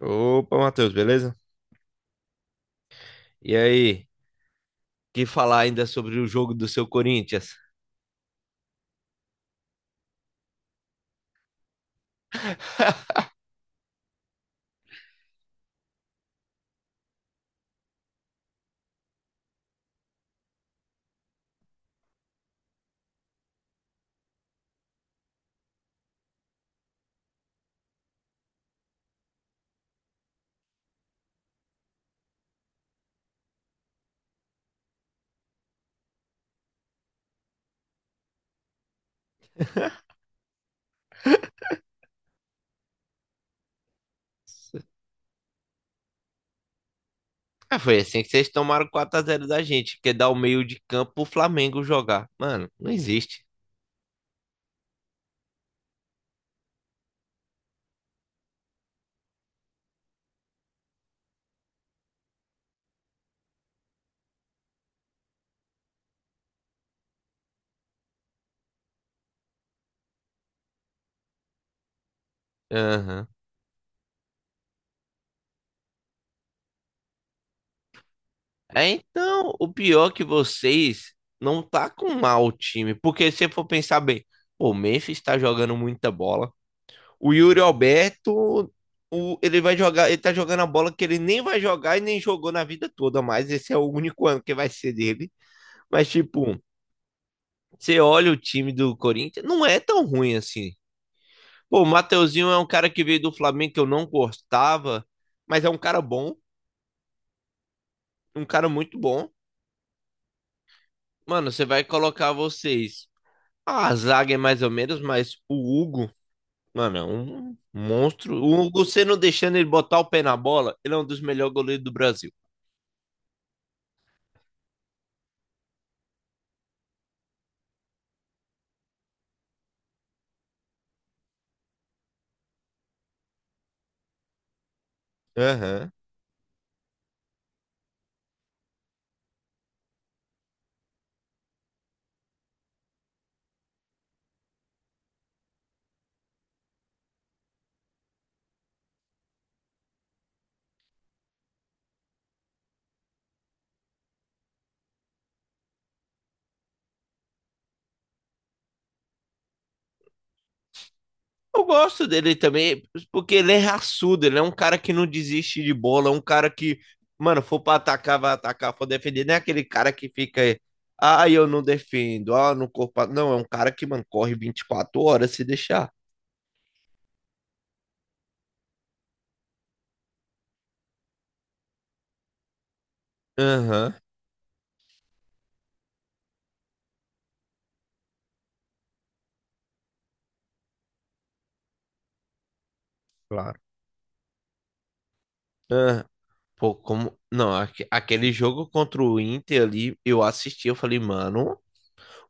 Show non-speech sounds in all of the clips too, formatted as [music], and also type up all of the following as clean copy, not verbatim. Opa, Matheus, beleza? E aí, que falar ainda sobre o jogo do seu Corinthians? Ah, foi assim que vocês tomaram 4-0 da gente, que dá o meio de campo pro Flamengo jogar. Mano, não existe. Aham. É, então, o pior é que vocês não tá com mal o time, porque se você for pensar bem, pô, o Memphis tá jogando muita bola. O Yuri Alberto, ele vai jogar, ele tá jogando a bola que ele nem vai jogar e nem jogou na vida toda mais. Esse é o único ano que vai ser dele. Mas, tipo, você olha o time do Corinthians, não é tão ruim assim. Pô, o Mateuzinho é um cara que veio do Flamengo que eu não gostava, mas é um cara bom, um cara muito bom. Mano, você vai colocar vocês. Ah, a zaga é mais ou menos, mas o Hugo, mano, é um monstro. O Hugo, você não deixando ele botar o pé na bola, ele é um dos melhores goleiros do Brasil. Aham. Eu gosto dele também, porque ele é raçudo, ele é um cara que não desiste de bola, é um cara que, mano, for pra atacar, vai atacar, for defender, não é aquele cara que fica aí, ah, eu não defendo, ah, no corpo. Ah", não, é um cara que, mano, corre 24 horas se deixar. Aham. Claro. Aham. Pô, como. Não, aquele jogo contra o Inter ali, eu assisti, eu falei, mano,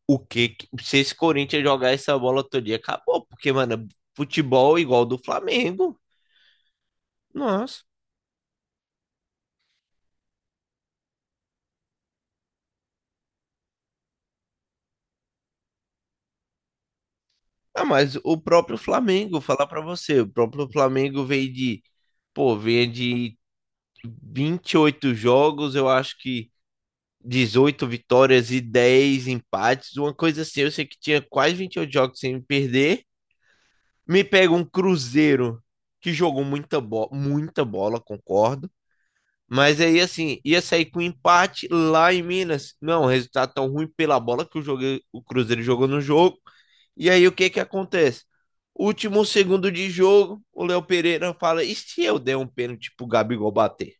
o que. Se esse Corinthians jogar essa bola todo dia, acabou, porque, mano, futebol é igual do Flamengo. Nossa. Ah, mas o próprio Flamengo, vou falar pra você, o próprio Flamengo veio de, pô, veio de 28 jogos, eu acho que 18 vitórias e 10 empates, uma coisa assim. Eu sei que tinha quase 28 jogos sem perder. Me pega um Cruzeiro que jogou muita bola, concordo. Mas aí, assim, ia sair com empate lá em Minas. Não, resultado tão ruim pela bola que jogo, o Cruzeiro jogou no jogo. E aí o que que acontece? Último segundo de jogo, o Léo Pereira fala: e se eu der um pênalti pro Gabigol bater?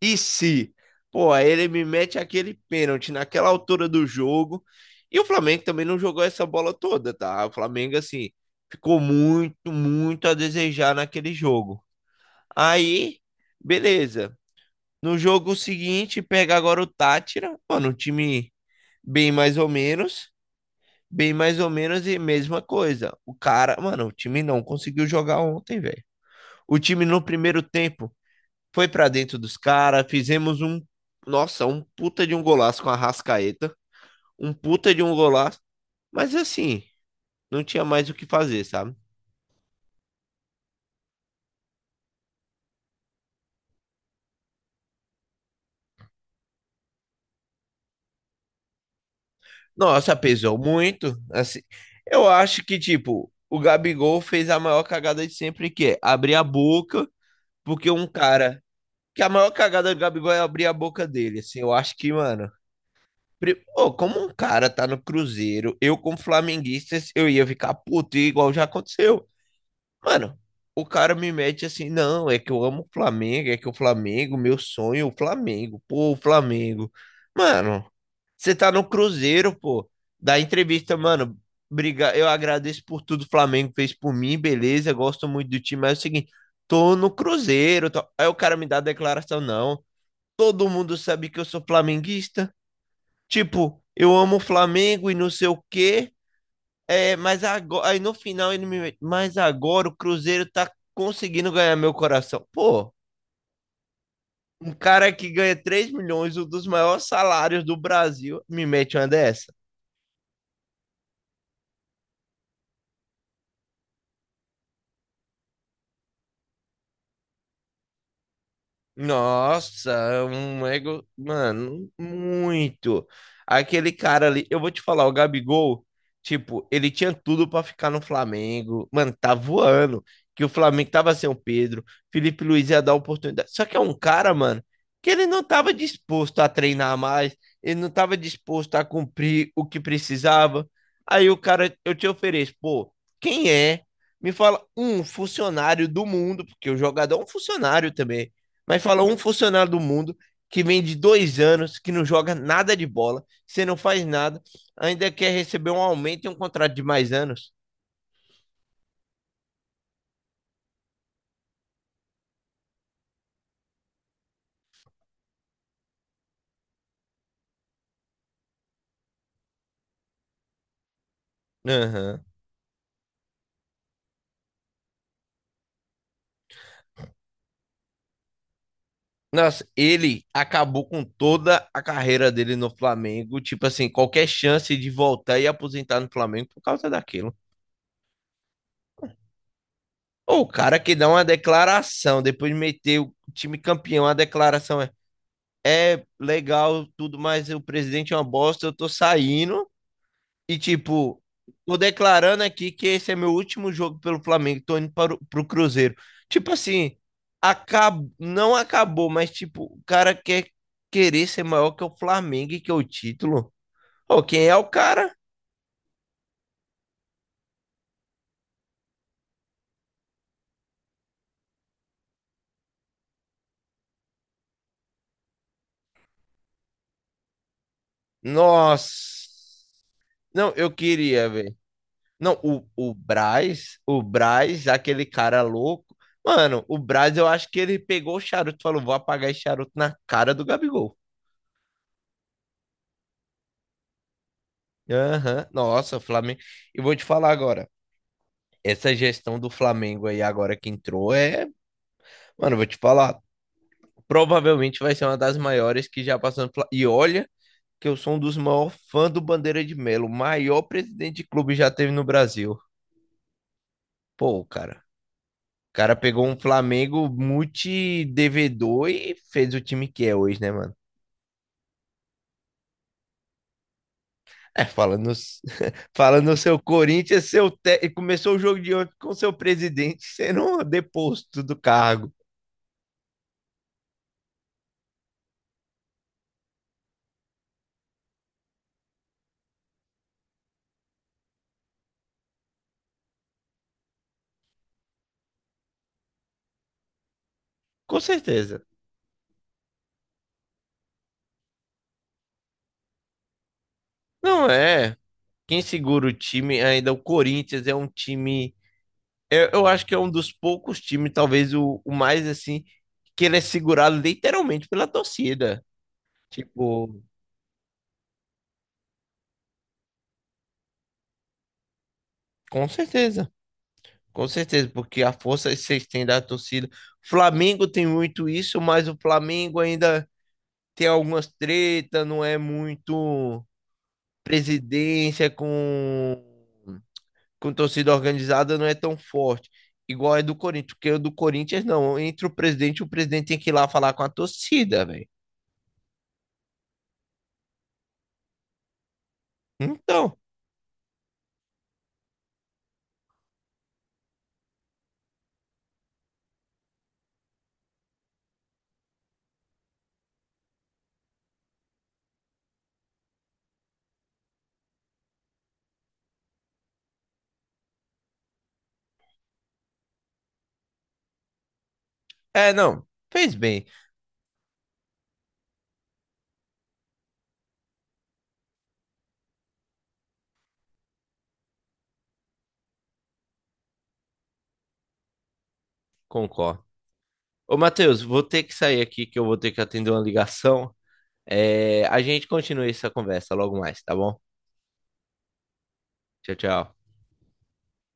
E se? Pô, aí ele me mete aquele pênalti naquela altura do jogo. E o Flamengo também não jogou essa bola toda, tá? O Flamengo, assim, ficou muito, muito a desejar naquele jogo. Aí, beleza. No jogo seguinte, pega agora o Tátira, mano, um time bem mais ou menos. Bem mais ou menos e mesma coisa. O cara, mano, o time não conseguiu jogar ontem, velho. O time no primeiro tempo foi pra dentro dos caras, fizemos um, nossa, um puta de um golaço com a Rascaeta, um puta de um golaço, mas assim, não tinha mais o que fazer, sabe? Nossa, pesou muito, assim. Eu acho que tipo, o Gabigol fez a maior cagada de sempre que é abrir a boca, porque um cara que a maior cagada do Gabigol é abrir a boca dele, assim. Eu acho que, mano, Ô, como um cara tá no Cruzeiro, eu como flamenguista, eu ia ficar puto, igual já aconteceu. Mano, o cara me mete assim, não, é que eu amo o Flamengo, é que o Flamengo, meu sonho, é o Flamengo, pô, o Flamengo. Mano, você tá no Cruzeiro, pô, da entrevista, mano, briga, eu agradeço por tudo que o Flamengo fez por mim, beleza, gosto muito do time, mas é o seguinte, tô no Cruzeiro, tô... aí o cara me dá a declaração, não, todo mundo sabe que eu sou flamenguista. Tipo, eu amo o Flamengo e não sei o quê, é, mas agora, aí no final ele me mete, mas agora o Cruzeiro tá conseguindo ganhar meu coração. Pô, um cara que ganha 3 milhões, um dos maiores salários do Brasil, me mete uma dessa. Nossa, é um ego, mano, muito. Aquele cara ali, eu vou te falar, o Gabigol, tipo, ele tinha tudo pra ficar no Flamengo. Mano, tá voando. Que o Flamengo tava sem o Pedro, Felipe Luiz ia dar oportunidade. Só que é um cara, mano, que ele não tava disposto a treinar mais, ele não tava disposto a cumprir o que precisava. Aí o cara, eu te ofereço, pô, quem é? Me fala um funcionário do mundo, porque o jogador é um funcionário também, mas fala um funcionário do mundo que vem de 2 anos, que não joga nada de bola, você não faz nada, ainda quer receber um aumento e um contrato de mais anos. Aham. Nossa, ele acabou com toda a carreira dele no Flamengo. Tipo assim, qualquer chance de voltar e aposentar no Flamengo por causa daquilo. Ou o cara que dá uma declaração, depois de meter o time campeão, a declaração é: é legal tudo, mas o presidente é uma bosta, eu tô saindo. E, tipo, tô declarando aqui que esse é meu último jogo pelo Flamengo, tô indo para o, pro Cruzeiro. Tipo assim, acab... não acabou, mas, tipo, o cara quer querer ser maior que o Flamengo e que o título. Ô, quem é o cara? Nossa. Não, eu queria, velho. Não, o Braz, aquele cara louco. Mano, o Braz, eu acho que ele pegou o charuto e falou: vou apagar esse charuto na cara do Gabigol. Aham. Nossa, Flamengo. E vou te falar agora. Essa gestão do Flamengo aí agora que entrou é, mano, eu vou te falar, provavelmente vai ser uma das maiores que já passou no E olha que eu sou um dos maiores fãs do Bandeira de Melo, o maior presidente de clube já teve no Brasil. Pô, cara, o cara pegou um Flamengo multi-devedor e fez o time que é hoje, né, mano? É, falando, [laughs] falando no seu Corinthians, seu e começou o jogo de ontem com seu presidente sendo um deposto do cargo. Com certeza. Não é. Quem segura o time ainda, é o Corinthians é um time. Eu acho que é um dos poucos times, talvez o mais assim, que ele é segurado literalmente pela torcida. Tipo, com certeza. Com certeza, porque a força que vocês têm da torcida. Flamengo tem muito isso, mas o Flamengo ainda tem algumas tretas, não é muito presidência com torcida organizada não é tão forte. Igual é do Corinthians, porque o do Corinthians não. Entre o presidente tem que ir lá falar com a torcida, velho. Então, é, não. Fez bem, concordo. Ô, Matheus, vou ter que sair aqui que eu vou ter que atender uma ligação. É, a gente continua essa conversa logo mais, tá bom? Tchau, tchau.